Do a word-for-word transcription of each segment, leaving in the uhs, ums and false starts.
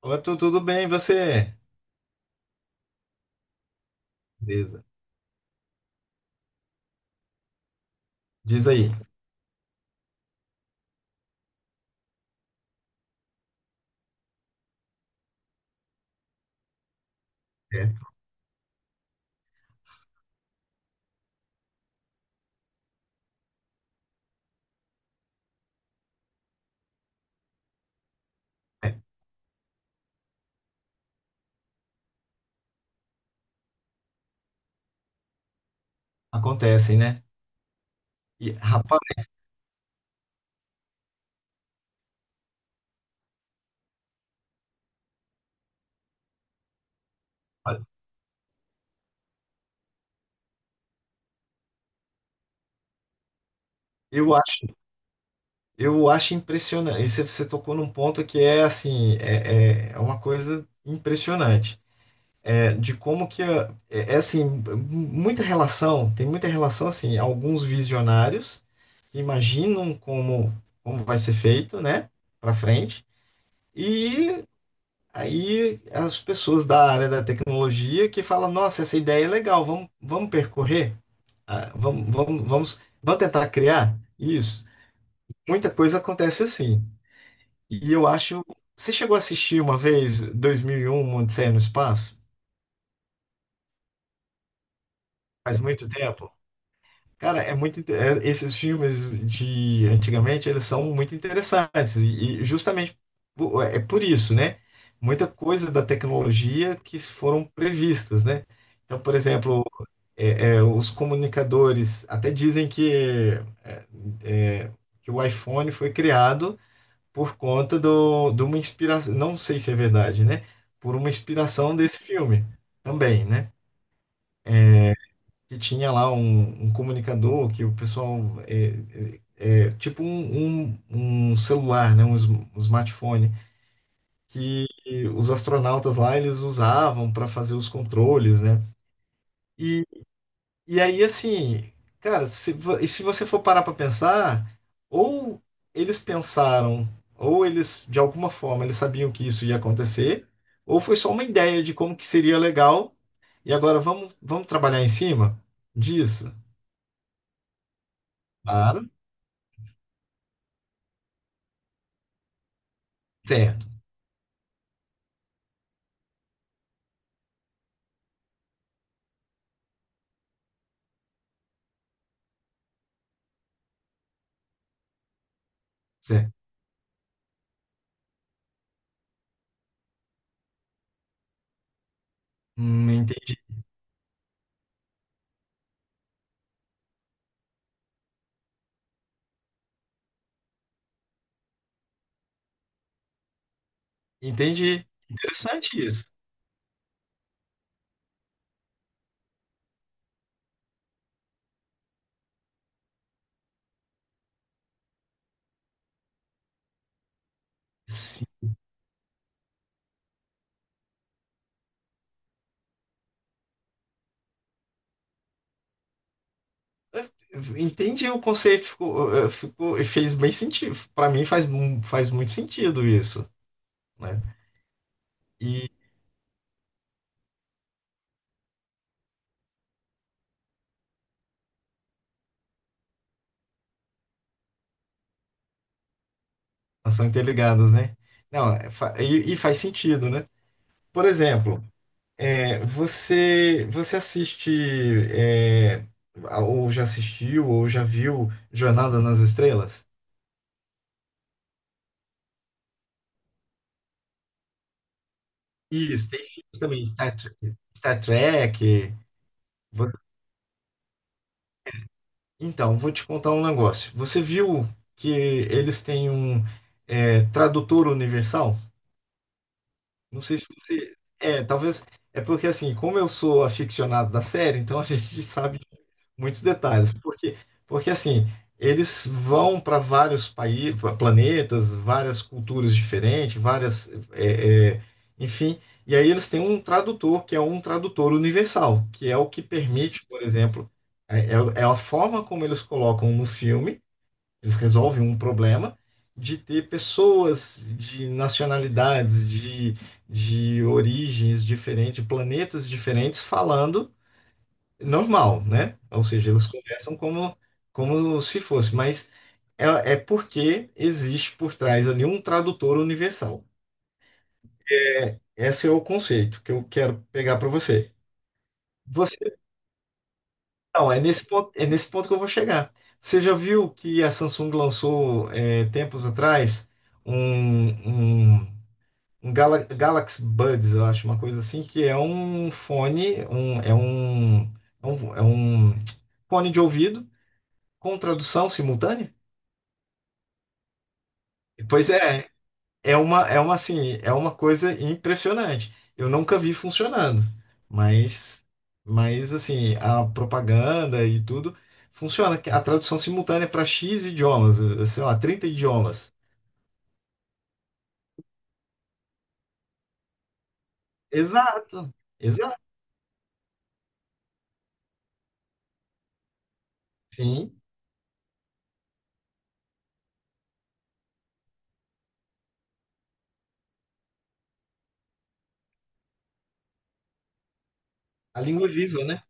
Ô, tu, tudo bem, e você? Beleza. Diz aí. É, é, acontecem, né? E, rapaz, olha, eu acho, eu acho impressionante. E você, você tocou num ponto que é assim, é, é é uma coisa impressionante. É, de como que a- é, é assim, muita relação, tem muita relação assim, alguns visionários que imaginam como, como vai ser feito, né, para frente. E aí as pessoas da área da tecnologia que falam, nossa, essa ideia é legal, vamos, vamos percorrer. Ah, vamos, vamos, vamos, vamos tentar criar isso. Muita coisa acontece assim. E eu acho, você chegou a assistir uma vez dois mil e um, Uma Odisseia no Espaço? Faz muito tempo. Cara, é muito, inte- é- esses filmes de antigamente, eles são muito interessantes e, e justamente po- é é por isso, né? Muita coisa da tecnologia que foram previstas, né? Então, por exemplo, é, é, os comunicadores até dizem que, é, é, que o iPhone foi criado por conta do, de uma inspiração, não sei se é verdade, né? Por uma inspiração desse filme também, né? Que tinha lá um, um comunicador que o pessoal é, é, é, tipo um, um, um celular, né? Um, sm- um smartphone que os astronautas lá eles usavam para fazer os controles, né? E E aí, assim, cara, se, vo- e se você for parar pra pensar, ou eles pensaram, ou eles, de alguma forma, eles sabiam que isso ia acontecer, ou foi só uma ideia de como que seria legal, e agora vamos, vamos trabalhar em cima disso? Claro. Certo, certo. Hum, entendi. Entendi. Interessante isso. Sim. Entendi o conceito, ficou, eh, ficou, fez bem sentido. Para mim faz, mu- faz muito sentido isso, né? Elas são interligadas, né? Não, é fa- e, e faz sentido, né? Por exemplo, é, você você assiste é, ou já assistiu ou já viu Jornada nas Estrelas? Isso, tem filme também Star, Tre- Star Trek. Vo- Então, vou te contar um negócio. Você viu que eles têm um é, tradutor universal? Não sei se você. É, talvez. É porque assim, como eu sou aficionado da série, então a gente sabe. Muitos detalhes, porque, porque assim, eles vão para vários países, planetas, várias culturas diferentes, várias, é, é, enfim, e aí eles têm um tradutor, que é um tradutor universal, que é o que permite, por exemplo, é, é é a forma como eles colocam no filme, eles resolvem um problema, de ter pessoas de nacionalidades, de, de origens diferentes, de planetas diferentes falando normal, né? Ou seja, eles conversam como, como se fosse, mas é, é porque existe por trás ali um tradutor universal. Esse é o conceito que eu quero pegar para você. Você, não, é nesse ponto, é nesse ponto que eu vou chegar. Você já viu que a Samsung lançou é, tempos atrás um, um, um Gala, Galaxy Buds, eu acho, uma coisa assim, que é um fone, um, é um, é um, é um fone de ouvido com tradução simultânea? Pois é, é uma, é uma assim, é uma coisa impressionante. Eu nunca vi funcionando, mas, mas assim, a propaganda e tudo funciona. A tradução simultânea para X idiomas, eh, sei lá, trinta idiomas. Exato, exato. Sim, a língua é viva, né?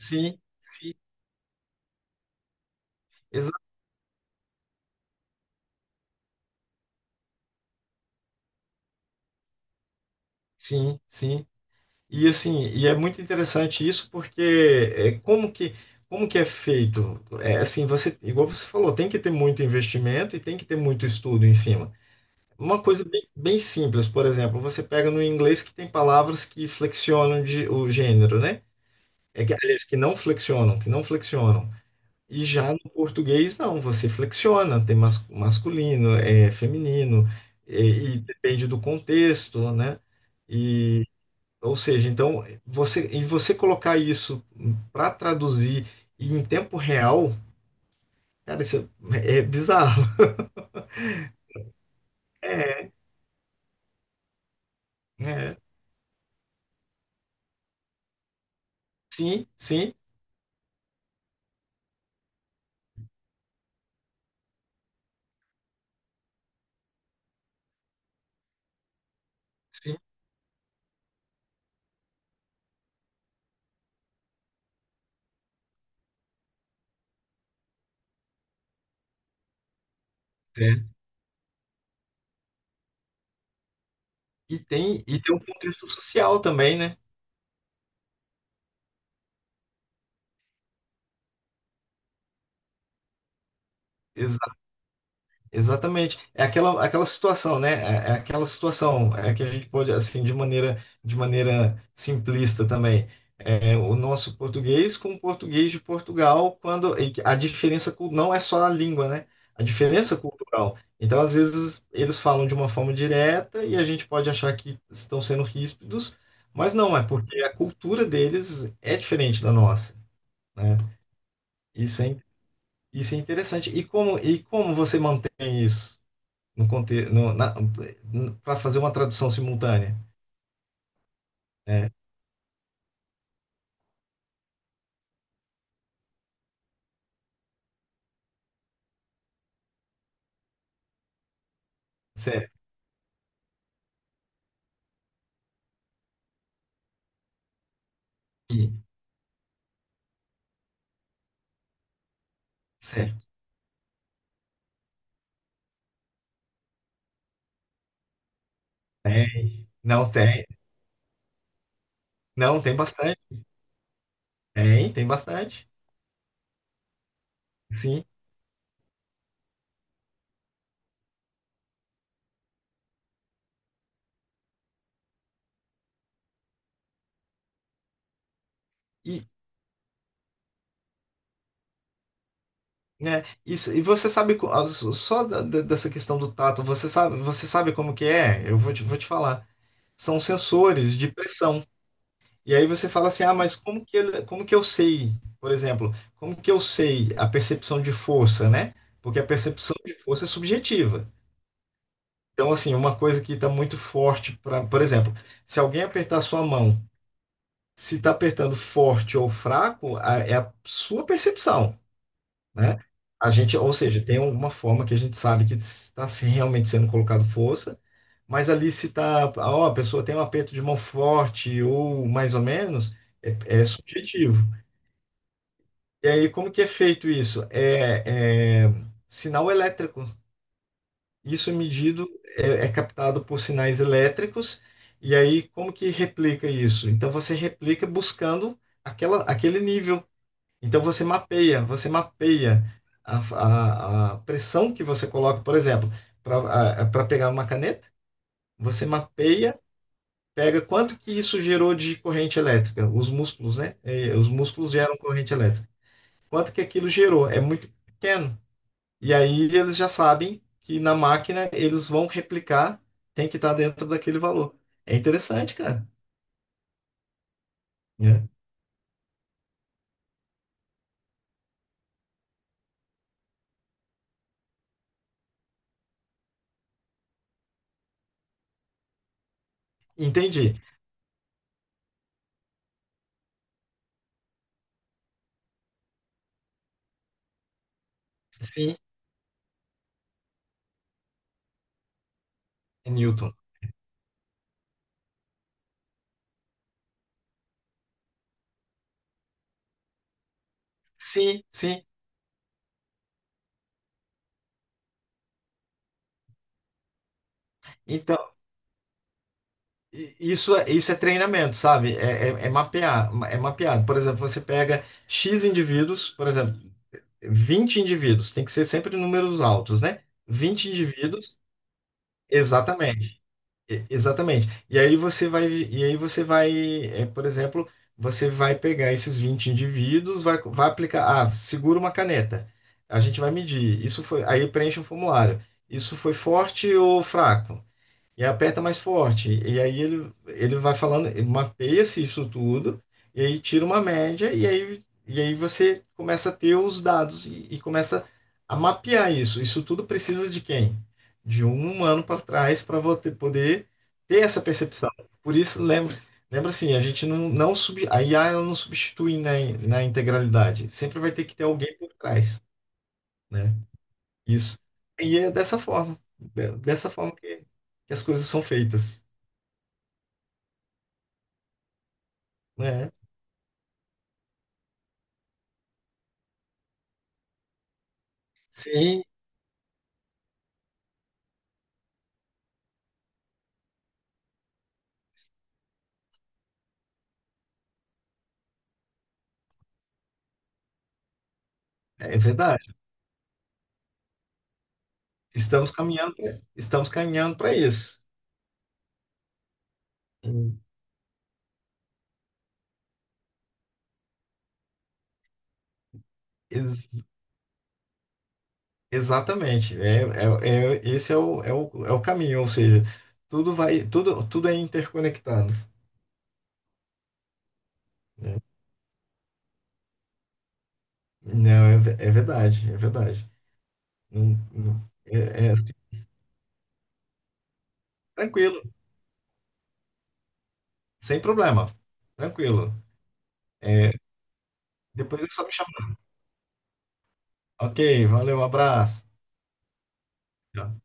Sim, sim, exato. Sim, sim. E assim, e é muito interessante isso porque é, como que como que é feito? É assim, você, igual você falou, tem que ter muito investimento e tem que ter muito estudo em cima. Uma coisa bem, bem simples, por exemplo, você pega no inglês que tem palavras que flexionam de, o gênero, né? É que, aliás, que não flexionam, que não flexionam. E já no português, não, você flexiona, tem mas, masculino, é feminino, e e depende do contexto, né? Ou seja, então você e você colocar isso para traduzir e em tempo real, cara, isso é, é bizarro. É, é. Sim, sim, sim. É. E tem e tem um contexto social também, né? Exatamente. É aquela, aquela situação, né? É, é aquela situação é que a gente pode, assim, de maneira, de maneira simplista também. É, o nosso português com o português de Portugal, quando e que a diferença cu- não é só a língua, né? A diferença cultural. Então, às vezes, eles falam de uma forma direta e a gente pode achar que estão sendo ríspidos, mas não, é porque a cultura deles é diferente da nossa, né? Isso é, in- isso é interessante. E como, e como você mantém isso? No contexto, para fazer uma tradução simultânea, né? Certo. E, certo. Tem. Não tem. Não tem bastante. Tem, tem bastante. Sim. E, né? E, s- e você sabe co- ah, só da- da- dessa questão do tato, você sabe, você sabe como que é? Eu vou te, vou te falar. São sensores de pressão. E aí você fala assim: "Ah, mas como que ele- como que eu sei, por exemplo, como que eu sei a percepção de força, né? Porque a percepção de força é subjetiva. Então, assim, uma coisa que está muito forte, pra, por exemplo, se alguém apertar sua mão, se está apertando forte ou fraco, a- é a sua percepção, né? A gente, ou seja, tem alguma forma que a gente sabe que está se realmente sendo colocado força, mas ali se está, ó, a pessoa tem um aperto de mão forte ou mais ou menos, é, é subjetivo. E aí, como que é feito isso? É, é sinal elétrico. Isso é medido, é, é captado por sinais elétricos, e aí como que replica isso? Então você replica buscando aquela, aquele nível. Então você mapeia, você mapeia a, a- a pressão que você coloca, por exemplo, para pegar uma caneta, você mapeia, pega quanto que isso gerou de corrente elétrica, os músculos, né? Eh, os músculos geram corrente elétrica. Quanto que aquilo gerou? É muito pequeno. E aí eles já sabem que na máquina eles vão replicar, tem que estar dentro daquele valor. É interessante, cara. Né? Entendi. Sim, é Newton. Sim, sim. Então, i- isso, é- isso é treinamento, sabe? É, é, é mapear, é mapeado. Por exemplo, você pega X indivíduos, por exemplo, vinte indivíduos, tem que ser sempre números altos, né? Vinte indivíduos, exatamente. E- Exatamente. E aí você vai, e aí você vai, é, por exemplo, você vai pegar esses vinte indivíduos, vai, vai aplicar, ah, segura uma caneta. A gente vai medir. Isso foi, aí preenche um formulário. Isso foi forte ou fraco? E aperta mais forte. E aí ele, ele vai falando, ele mapeia-se isso tudo, e aí tira uma média, e aí, e aí você começa a ter os dados e, e começa a mapear isso. Isso tudo precisa de quem? De um humano para trás para você poder ter essa percepção. Por isso, lembra, lembra assim, a gente não, não sub, a I A ela não substitui na, na integralidade. Sempre vai ter que ter alguém por trás, né? Isso. E é dessa forma, de- dessa forma que que as coisas são feitas. Né? Sim, é verdade. Estamos caminhando, pra- estamos caminhando para isso. Hum. Ex- Exatamente. É, é, é- esse é o, é o, é o caminho, ou seja, tudo vai, tudo, tudo é interconectado. Não, é, ve- é verdade, é verdade. Não- não- é, é tranquilo, sem problema. Tranquilo. É, depois é só me chamar. Ok, valeu, abraço. Tchau.